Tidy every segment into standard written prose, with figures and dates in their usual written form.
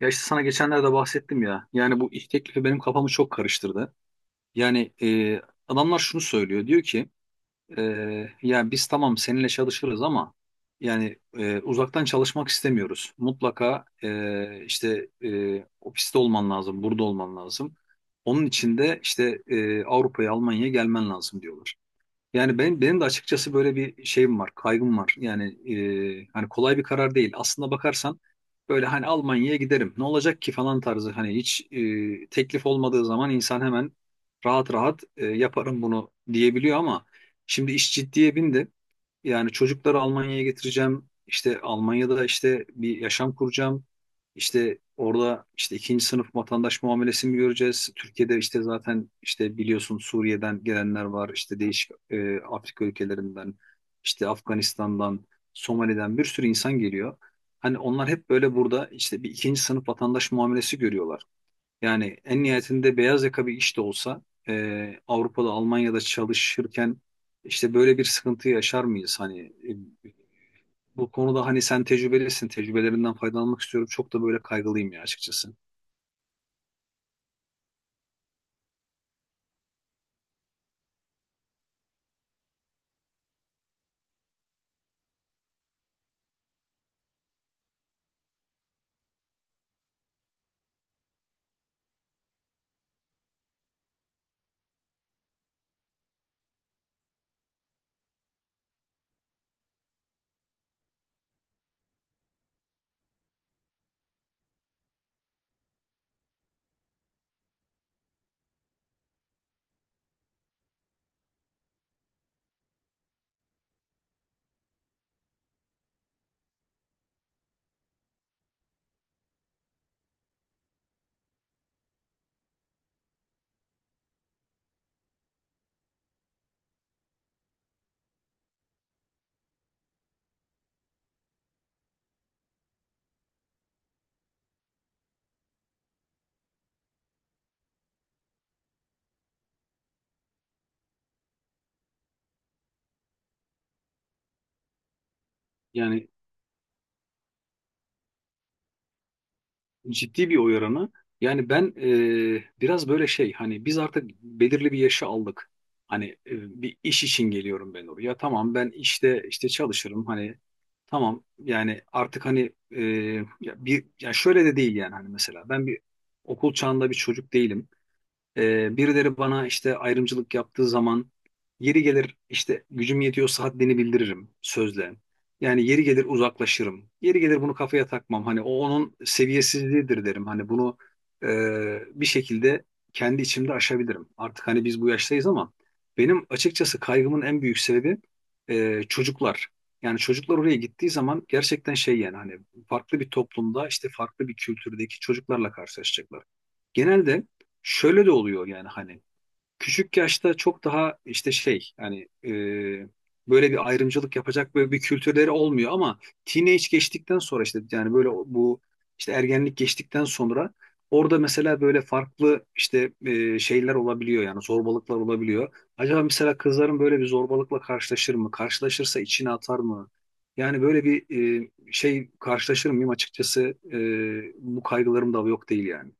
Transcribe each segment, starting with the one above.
Ya işte sana geçenlerde bahsettim ya. Yani bu ilk teklifi benim kafamı çok karıştırdı. Yani adamlar şunu söylüyor. Diyor ki e, ya biz tamam seninle çalışırız ama yani uzaktan çalışmak istemiyoruz. Mutlaka işte ofiste olman lazım, burada olman lazım. Onun için de işte Avrupa'ya, Almanya'ya gelmen lazım diyorlar. Yani benim de açıkçası böyle bir şeyim var, kaygım var. Yani hani kolay bir karar değil. Aslında bakarsan böyle hani Almanya'ya giderim. Ne olacak ki falan tarzı hani hiç teklif olmadığı zaman insan hemen rahat rahat yaparım bunu diyebiliyor ama şimdi iş ciddiye bindi. Yani çocukları Almanya'ya getireceğim. İşte Almanya'da işte bir yaşam kuracağım. İşte orada işte ikinci sınıf vatandaş muamelesi mi göreceğiz? Türkiye'de işte zaten işte biliyorsun Suriye'den gelenler var. İşte değişik Afrika ülkelerinden, işte Afganistan'dan, Somali'den bir sürü insan geliyor. Hani onlar hep böyle burada işte bir ikinci sınıf vatandaş muamelesi görüyorlar. Yani en nihayetinde beyaz yaka bir iş de olsa Avrupa'da, Almanya'da çalışırken işte böyle bir sıkıntı yaşar mıyız? Hani e, bu konuda hani sen tecrübelisin, tecrübelerinden faydalanmak istiyorum. Çok da böyle kaygılıyım ya açıkçası. Yani ciddi bir oy oranı. Yani ben biraz böyle şey hani biz artık belirli bir yaşı aldık. Hani bir iş için geliyorum ben oraya. Tamam ben işte çalışırım. Hani tamam yani artık hani ya bir ya şöyle de değil yani hani mesela ben bir okul çağında bir çocuk değilim. Birileri bana işte ayrımcılık yaptığı zaman yeri gelir işte gücüm yetiyorsa haddini bildiririm sözle. Yani yeri gelir uzaklaşırım. Yeri gelir bunu kafaya takmam. Hani o onun seviyesizliğidir derim. Hani bunu e, bir şekilde kendi içimde aşabilirim. Artık hani biz bu yaştayız ama benim açıkçası kaygımın en büyük sebebi çocuklar. Yani çocuklar oraya gittiği zaman gerçekten şey yani hani farklı bir toplumda işte farklı bir kültürdeki çocuklarla karşılaşacaklar. Genelde şöyle de oluyor yani hani küçük yaşta çok daha işte şey hani böyle bir ayrımcılık yapacak böyle bir kültürleri olmuyor ama teenage geçtikten sonra işte yani böyle bu işte ergenlik geçtikten sonra orada mesela böyle farklı işte şeyler olabiliyor yani zorbalıklar olabiliyor. Acaba mesela kızların böyle bir zorbalıkla karşılaşır mı? Karşılaşırsa içine atar mı? Yani böyle bir şey karşılaşır mıyım açıkçası bu kaygılarım da yok değil yani.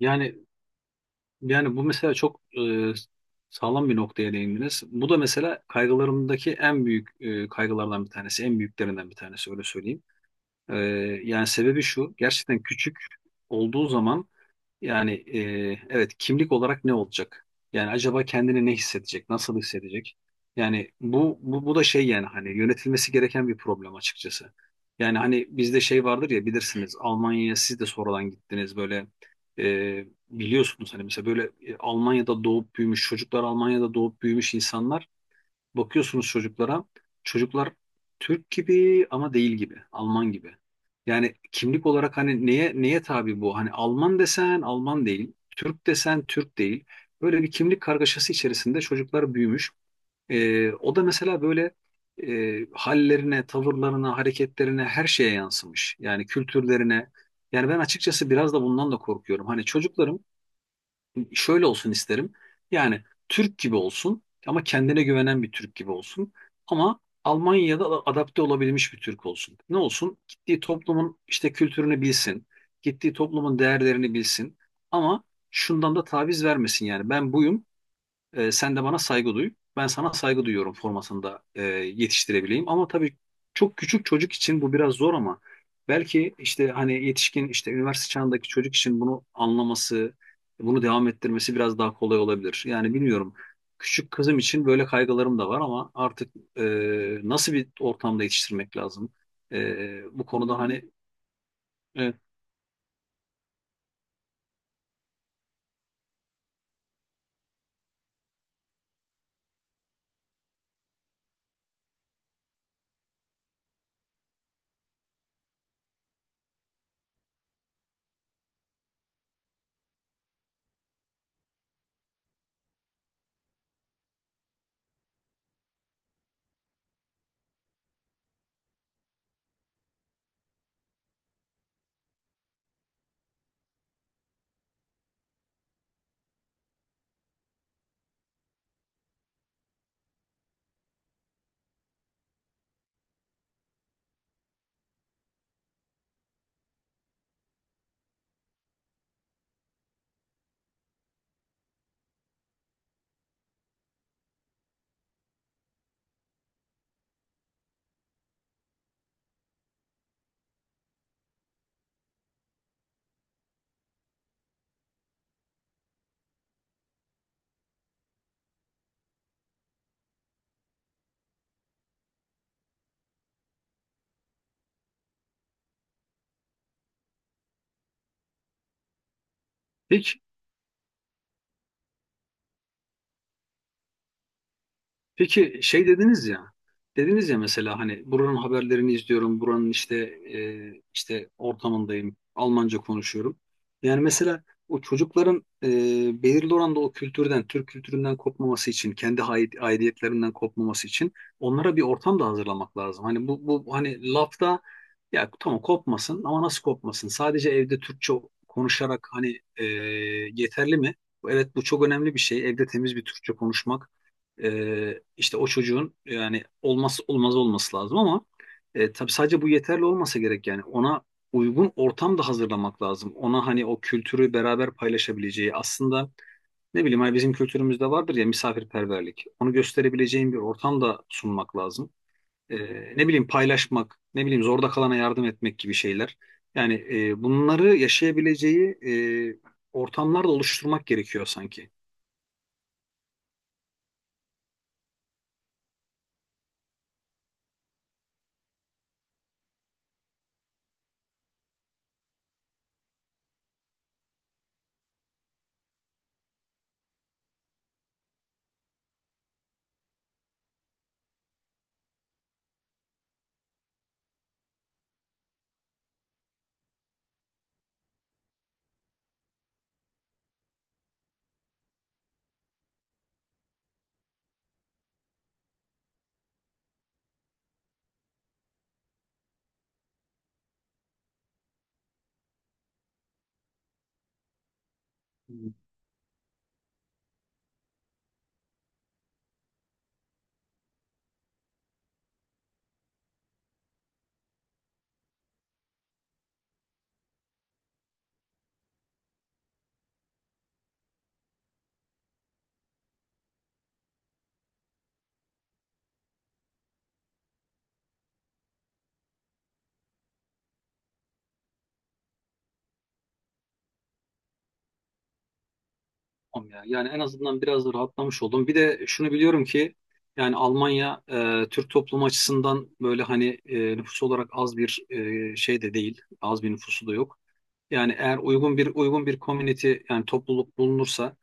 Yani Yani bu mesela çok sağlam bir noktaya değindiniz. Bu da mesela kaygılarımdaki en büyük kaygılardan bir tanesi, en büyüklerinden bir tanesi öyle söyleyeyim. E, Yani sebebi şu, gerçekten küçük olduğu zaman yani evet kimlik olarak ne olacak? Yani acaba kendini ne hissedecek? Nasıl hissedecek? Yani bu da şey yani hani yönetilmesi gereken bir problem açıkçası. Yani hani bizde şey vardır ya bilirsiniz Almanya'ya siz de sonradan gittiniz böyle biliyorsunuz hani mesela böyle Almanya'da doğup büyümüş çocuklar Almanya'da doğup büyümüş insanlar. Bakıyorsunuz çocuklara. Çocuklar Türk gibi ama değil gibi. Alman gibi. Yani kimlik olarak hani neye tabi bu? Hani Alman desen Alman değil. Türk desen Türk değil. Böyle bir kimlik kargaşası içerisinde çocuklar büyümüş. O da mesela böyle hallerine, tavırlarına, hareketlerine her şeye yansımış. Yani kültürlerine. Yani ben açıkçası biraz da bundan da korkuyorum. Hani çocuklarım şöyle olsun isterim. Yani Türk gibi olsun ama kendine güvenen bir Türk gibi olsun. Ama Almanya'da da adapte olabilmiş bir Türk olsun. Ne olsun? Gittiği toplumun işte kültürünü bilsin. Gittiği toplumun değerlerini bilsin. Ama şundan da taviz vermesin yani. Ben buyum, sen de bana saygı duy. Ben sana saygı duyuyorum formasında yetiştirebileyim. Ama tabii çok küçük çocuk için bu biraz zor ama belki işte hani yetişkin işte üniversite çağındaki çocuk için bunu anlaması, bunu devam ettirmesi biraz daha kolay olabilir. Yani bilmiyorum. Küçük kızım için böyle kaygılarım da var ama artık nasıl bir ortamda yetiştirmek lazım? Bu konuda anladım. Hani evet. Peki şey dediniz ya, dediniz ya mesela hani buranın haberlerini izliyorum, buranın işte işte ortamındayım, Almanca konuşuyorum. Yani mesela o çocukların belirli oranda o kültürden, Türk kültüründen kopmaması için, kendi aidiyetlerinden kopmaması için onlara bir ortam da hazırlamak lazım. Hani bu hani lafta ya tamam kopmasın ama nasıl kopmasın? Sadece evde Türkçe konuşarak hani yeterli mi? Evet bu çok önemli bir şey. Evde temiz bir Türkçe konuşmak. İşte o çocuğun yani olmazsa olmaz olması lazım ama tabii sadece bu yeterli olmasa gerek yani ona uygun ortam da hazırlamak lazım. Ona hani o kültürü beraber paylaşabileceği aslında ne bileyim hani bizim kültürümüzde vardır ya misafirperverlik. Onu gösterebileceğin bir ortam da sunmak lazım. Ne bileyim paylaşmak, ne bileyim zorda kalana yardım etmek gibi şeyler. Yani bunları yaşayabileceği ortamlar da oluşturmak gerekiyor sanki. Tamam ya. Yani en azından biraz da rahatlamış oldum. Bir de şunu biliyorum ki yani Almanya Türk toplumu açısından böyle hani nüfus olarak az bir şey de değil. Az bir nüfusu da yok. Yani eğer uygun bir community yani topluluk bulunursa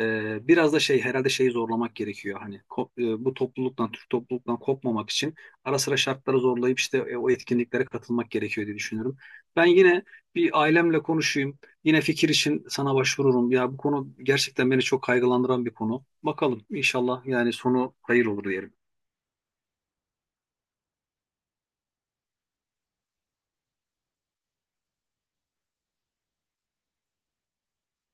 biraz da şey herhalde şeyi zorlamak gerekiyor. Hani bu topluluktan Türk topluluktan kopmamak için ara sıra şartları zorlayıp işte o etkinliklere katılmak gerekiyor diye düşünüyorum. Ben yine bir ailemle konuşayım. Yine fikir için sana başvururum. Ya bu konu gerçekten beni çok kaygılandıran bir konu. Bakalım inşallah yani sonu hayır olur diyelim.